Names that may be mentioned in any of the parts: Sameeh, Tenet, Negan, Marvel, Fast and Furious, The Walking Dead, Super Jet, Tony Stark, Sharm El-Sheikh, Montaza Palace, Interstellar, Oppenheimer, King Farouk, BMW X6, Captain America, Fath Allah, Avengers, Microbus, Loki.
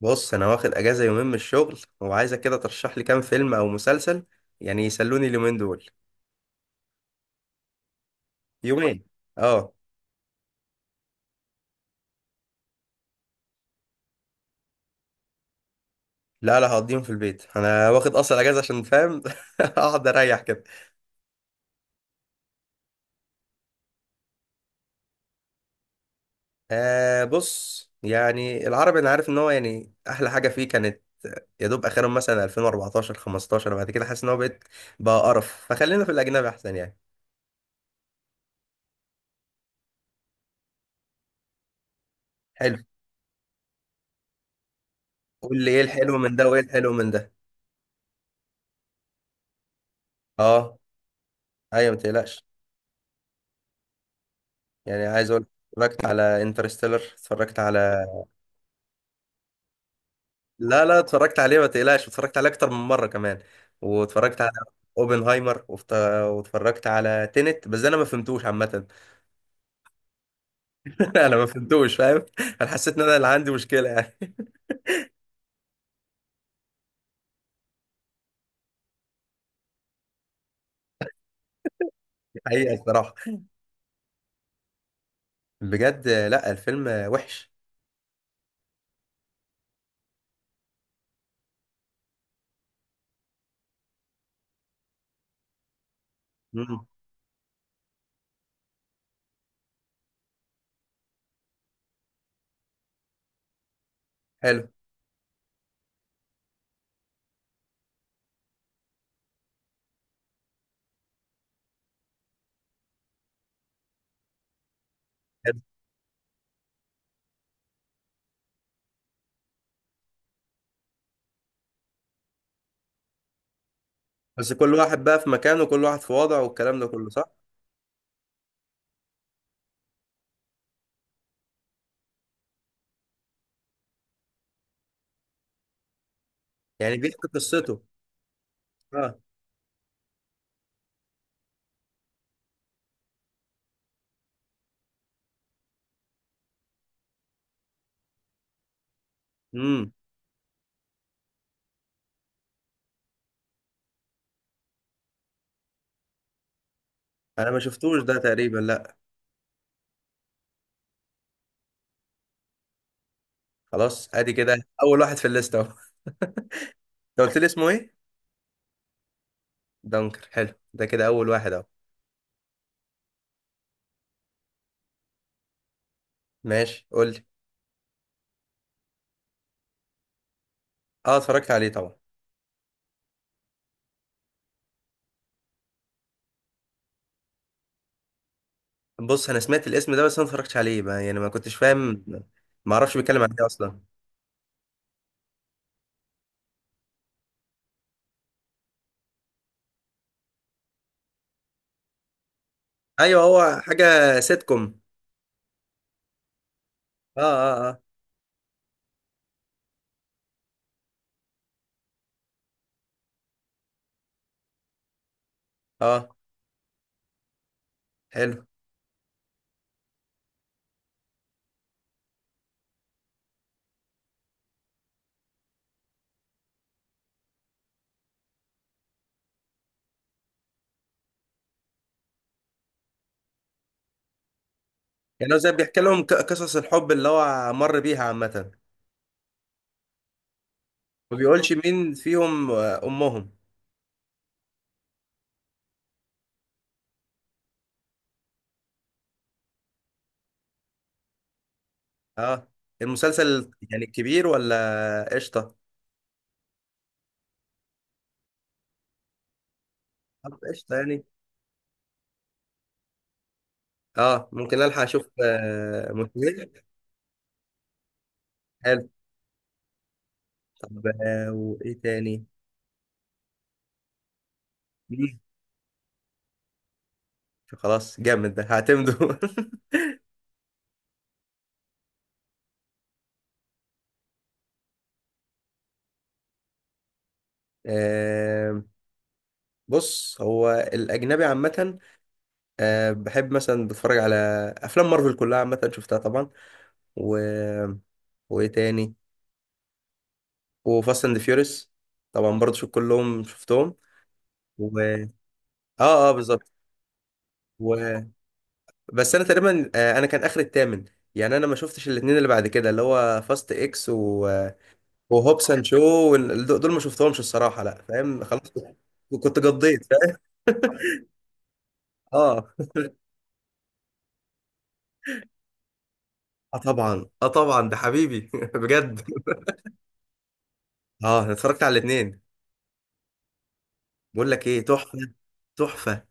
بص، انا واخد اجازه يومين من الشغل وعايزك كده ترشح لي كام فيلم او مسلسل، يعني يسلوني اليومين دول. يومين. اه. لا لا، هقضيهم في البيت، انا واخد اصلا اجازه عشان فاهم اقعد اريح كده. آه، بص يعني العربي انا عارف ان هو يعني احلى حاجه فيه كانت يا دوب اخرهم مثلا 2014 15، وبعد كده حاسس ان هو بقيت بقى قرف، فخلينا في الاجنبي احسن يعني. حلو. قول لي ايه الحلو من ده وايه الحلو من ده. اه، ايوه ما تقلقش. يعني عايز اقول اتفرجت على انترستيلر، اتفرجت على لا لا، اتفرجت عليه ما تقلقش، اتفرجت عليه اكتر من مره كمان. واتفرجت على اوبنهايمر واتفرجت على تينت، بس انا ما فهمتوش عامه. انا ما فهمتوش فاهم، انا حسيت ان انا اللي عندي مشكله يعني. حقيقه الصراحه، بجد لا، الفيلم وحش. مم. حلو حلو، بس كل واحد بقى في مكانه، كل واحد في وضعه والكلام ده كله صح. يعني بيحكي قصته. اه. امم. انا ما شفتوش ده تقريبا، لا. خلاص، ادي كده اول واحد في الليسته اهو انت قلت لي اسمه ايه؟ دانكر، حلو، ده كده اول واحد اهو. ماشي قول لي. اه، اتفرجت عليه طبعا. بص انا سمعت الاسم ده، بس انا ما اتفرجتش عليه، ما يعني ما كنتش فاهم، ما اعرفش بيتكلم عن ايه اصلا. ايوه هو حاجه سيتكم. اه اه اه اه. حلو. يعني هو زي بيحكي لهم قصص الحب اللي هو مر بيها عامه. ما بيقولش مين فيهم امهم. اه، المسلسل يعني كبير ولا قشطه؟ طب قشطه يعني. اه، ممكن الحق اشوف مشوير. حلو. طب وايه تاني؟ مم. خلاص جامد ده هعتمده آه، بص هو الأجنبي عامة، بحب مثلا بتفرج على أفلام مارفل كلها، عامة شفتها طبعا، و... وإيه تاني؟ وفاست أند فيوريس، طبعا برضه شوف كلهم شفتهم، و بالظبط. و... بس أنا تقريبا، أنا كان آخر التامن، يعني أنا ما شفتش الاتنين اللي بعد كده، اللي هو فاست إكس و... وهوبس أند شو، دول ما شفتهمش الصراحة، لا فاهم خلاص، كنت قضيت فاهم. آه آه طبعا، آه طبعا ده حبيبي بجد. اه، أنا اتفرجت على الاثنين، بقول لك ايه، تحفه. تحفه.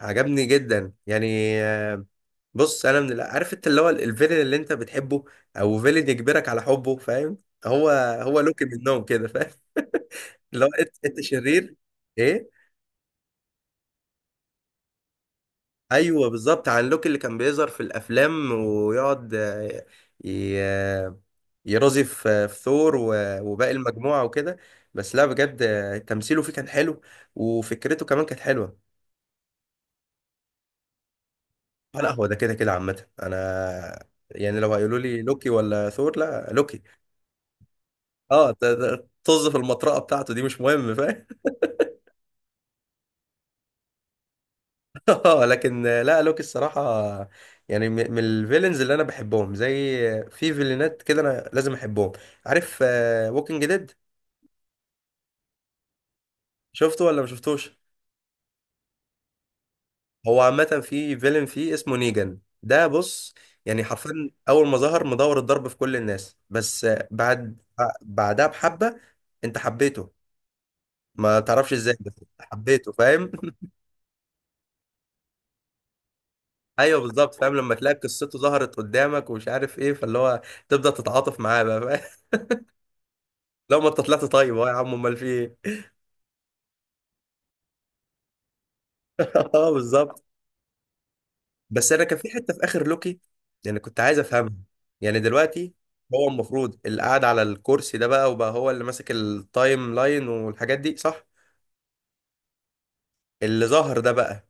عجبني جدا يعني. آه، بص انا عارف انت اللي هو الفيلن اللي انت بتحبه، او فيلن يجبرك على حبه فاهم، هو هو لوكي منهم كده فاهم. اللي هو انت شرير. ايه؟ ايوه بالظبط، عن لوكي اللي كان بيظهر في الافلام ويقعد ي- آه، يرازي في ثور وباقي المجموعه وكده. بس لا بجد، تمثيله فيه كان حلو، وفكرته كمان كانت حلوه. لا هو ده كده كده عامة انا، يعني لو هيقولوا لي لوكي ولا ثور؟ لا لوكي. اه طز في المطرقة بتاعته دي مش مهم فاهم. اه لكن لا، لوكي الصراحة يعني من الفيلنز اللي انا بحبهم، زي في فيلنات كده انا لازم احبهم، عارف، ووكينج ديد. شفته ولا ما شفتوش؟ هو عامة في فيلن فيه اسمه نيجان، ده بص يعني حرفيا اول ما ظهر مدور الضرب في كل الناس، بس بعد بعدها بحبة. انت حبيته ما تعرفش ازاي بس، حبيته فاهم ايوه بالظبط فاهم، لما تلاقي قصته ظهرت قدامك ومش عارف ايه، فاللي هو تبدا تتعاطف معاه بقى فاهم لو ما انت طلعت طيب اهو، يا عم امال في ايه؟ اه بالظبط. بس انا كان في حته في اخر لوكي يعني كنت عايز افهمها، يعني دلوقتي هو المفروض اللي قاعد على الكرسي ده بقى وبقى هو اللي ماسك التايم لاين والحاجات دي صح، اللي ظهر ده بقى،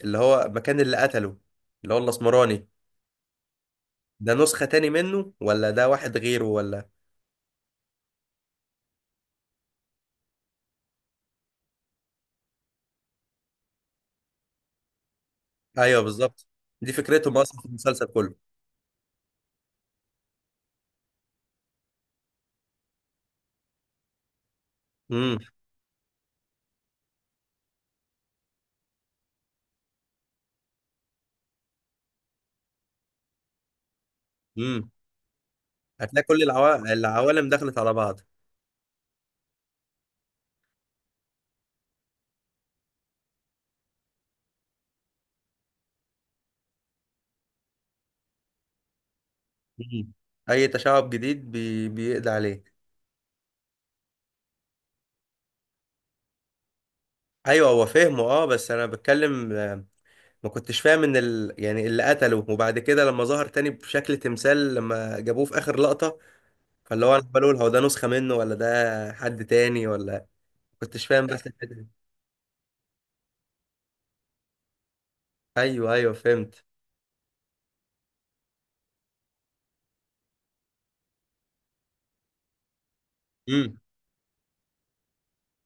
اللي هو مكان اللي قتله، اللي هو الاسمراني، ده نسخه تاني منه ولا ده واحد غيره ولا؟ ايوه بالظبط، دي فكرتهم اصلا في المسلسل كله. امم. امم. هتلاقي كل العوالم دخلت على بعض. مم. اي تشعب جديد بيقضي عليه. ايوه هو فهمه، اه بس انا بتكلم، ما كنتش فاهم ان يعني اللي قتله، وبعد كده لما ظهر تاني بشكل تمثال لما جابوه في اخر لقطة، فاللي هو انا بقول هو ده نسخة منه ولا ده حد تاني ولا؟ ما كنتش فاهم بس الحتة دي. ايوه ايوه فهمت. امم.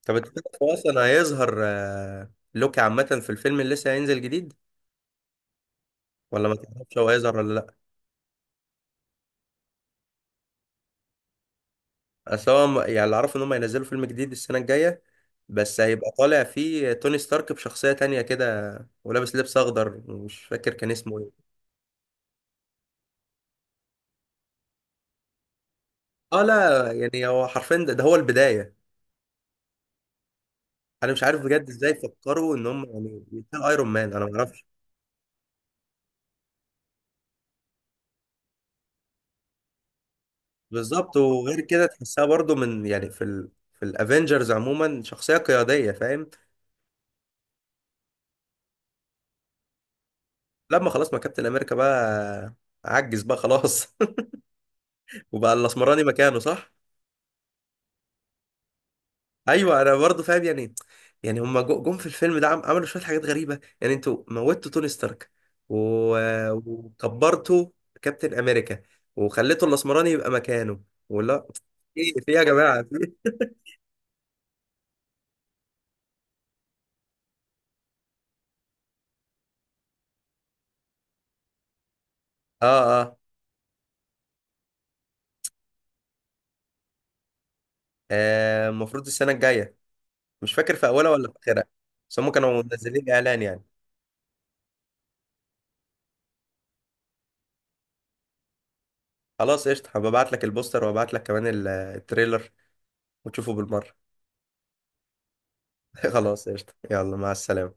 طب انت تعرف هو اصلا هيظهر لوكي عامة في الفيلم اللي لسه هينزل جديد ولا ما تعرفش هو هيظهر ولا لا؟ اصل هو يعني اللي اعرفه ان هم هينزلوا فيلم جديد السنه الجايه، بس هيبقى طالع فيه توني ستارك بشخصيه تانية كده، ولابس لبس اخضر مش فاكر كان اسمه ايه. اه لا يعني هو حرفيا ده هو البدايه، انا مش عارف بجد ازاي فكروا ان هم يعني يبقى ايرون مان انا ما اعرفش. بالظبط، وغير كده تحسها برضو من يعني في في الافنجرز عموما شخصيه قياديه فاهم. لما خلاص ما كابتن امريكا بقى عجز بقى خلاص وبقى الاسمراني مكانه صح. ايوه انا برضو فاهم يعني، يعني هما جم في الفيلم ده عملوا شويه حاجات غريبه، يعني انتوا موتوا توني ستارك وكبرتوا كابتن امريكا، وخليتوا الاسمراني يبقى مكانه، ولا ايه في إيه يا جماعه، في إيه؟ اه اه، المفروض السنه الجايه، مش فاكر في اولها ولا في اخرها، بس هم كانوا منزلين اعلان يعني. خلاص قشطه، هبعت لك البوستر وابعت لك كمان التريلر وتشوفه بالمره. خلاص قشطه، يلا مع السلامه.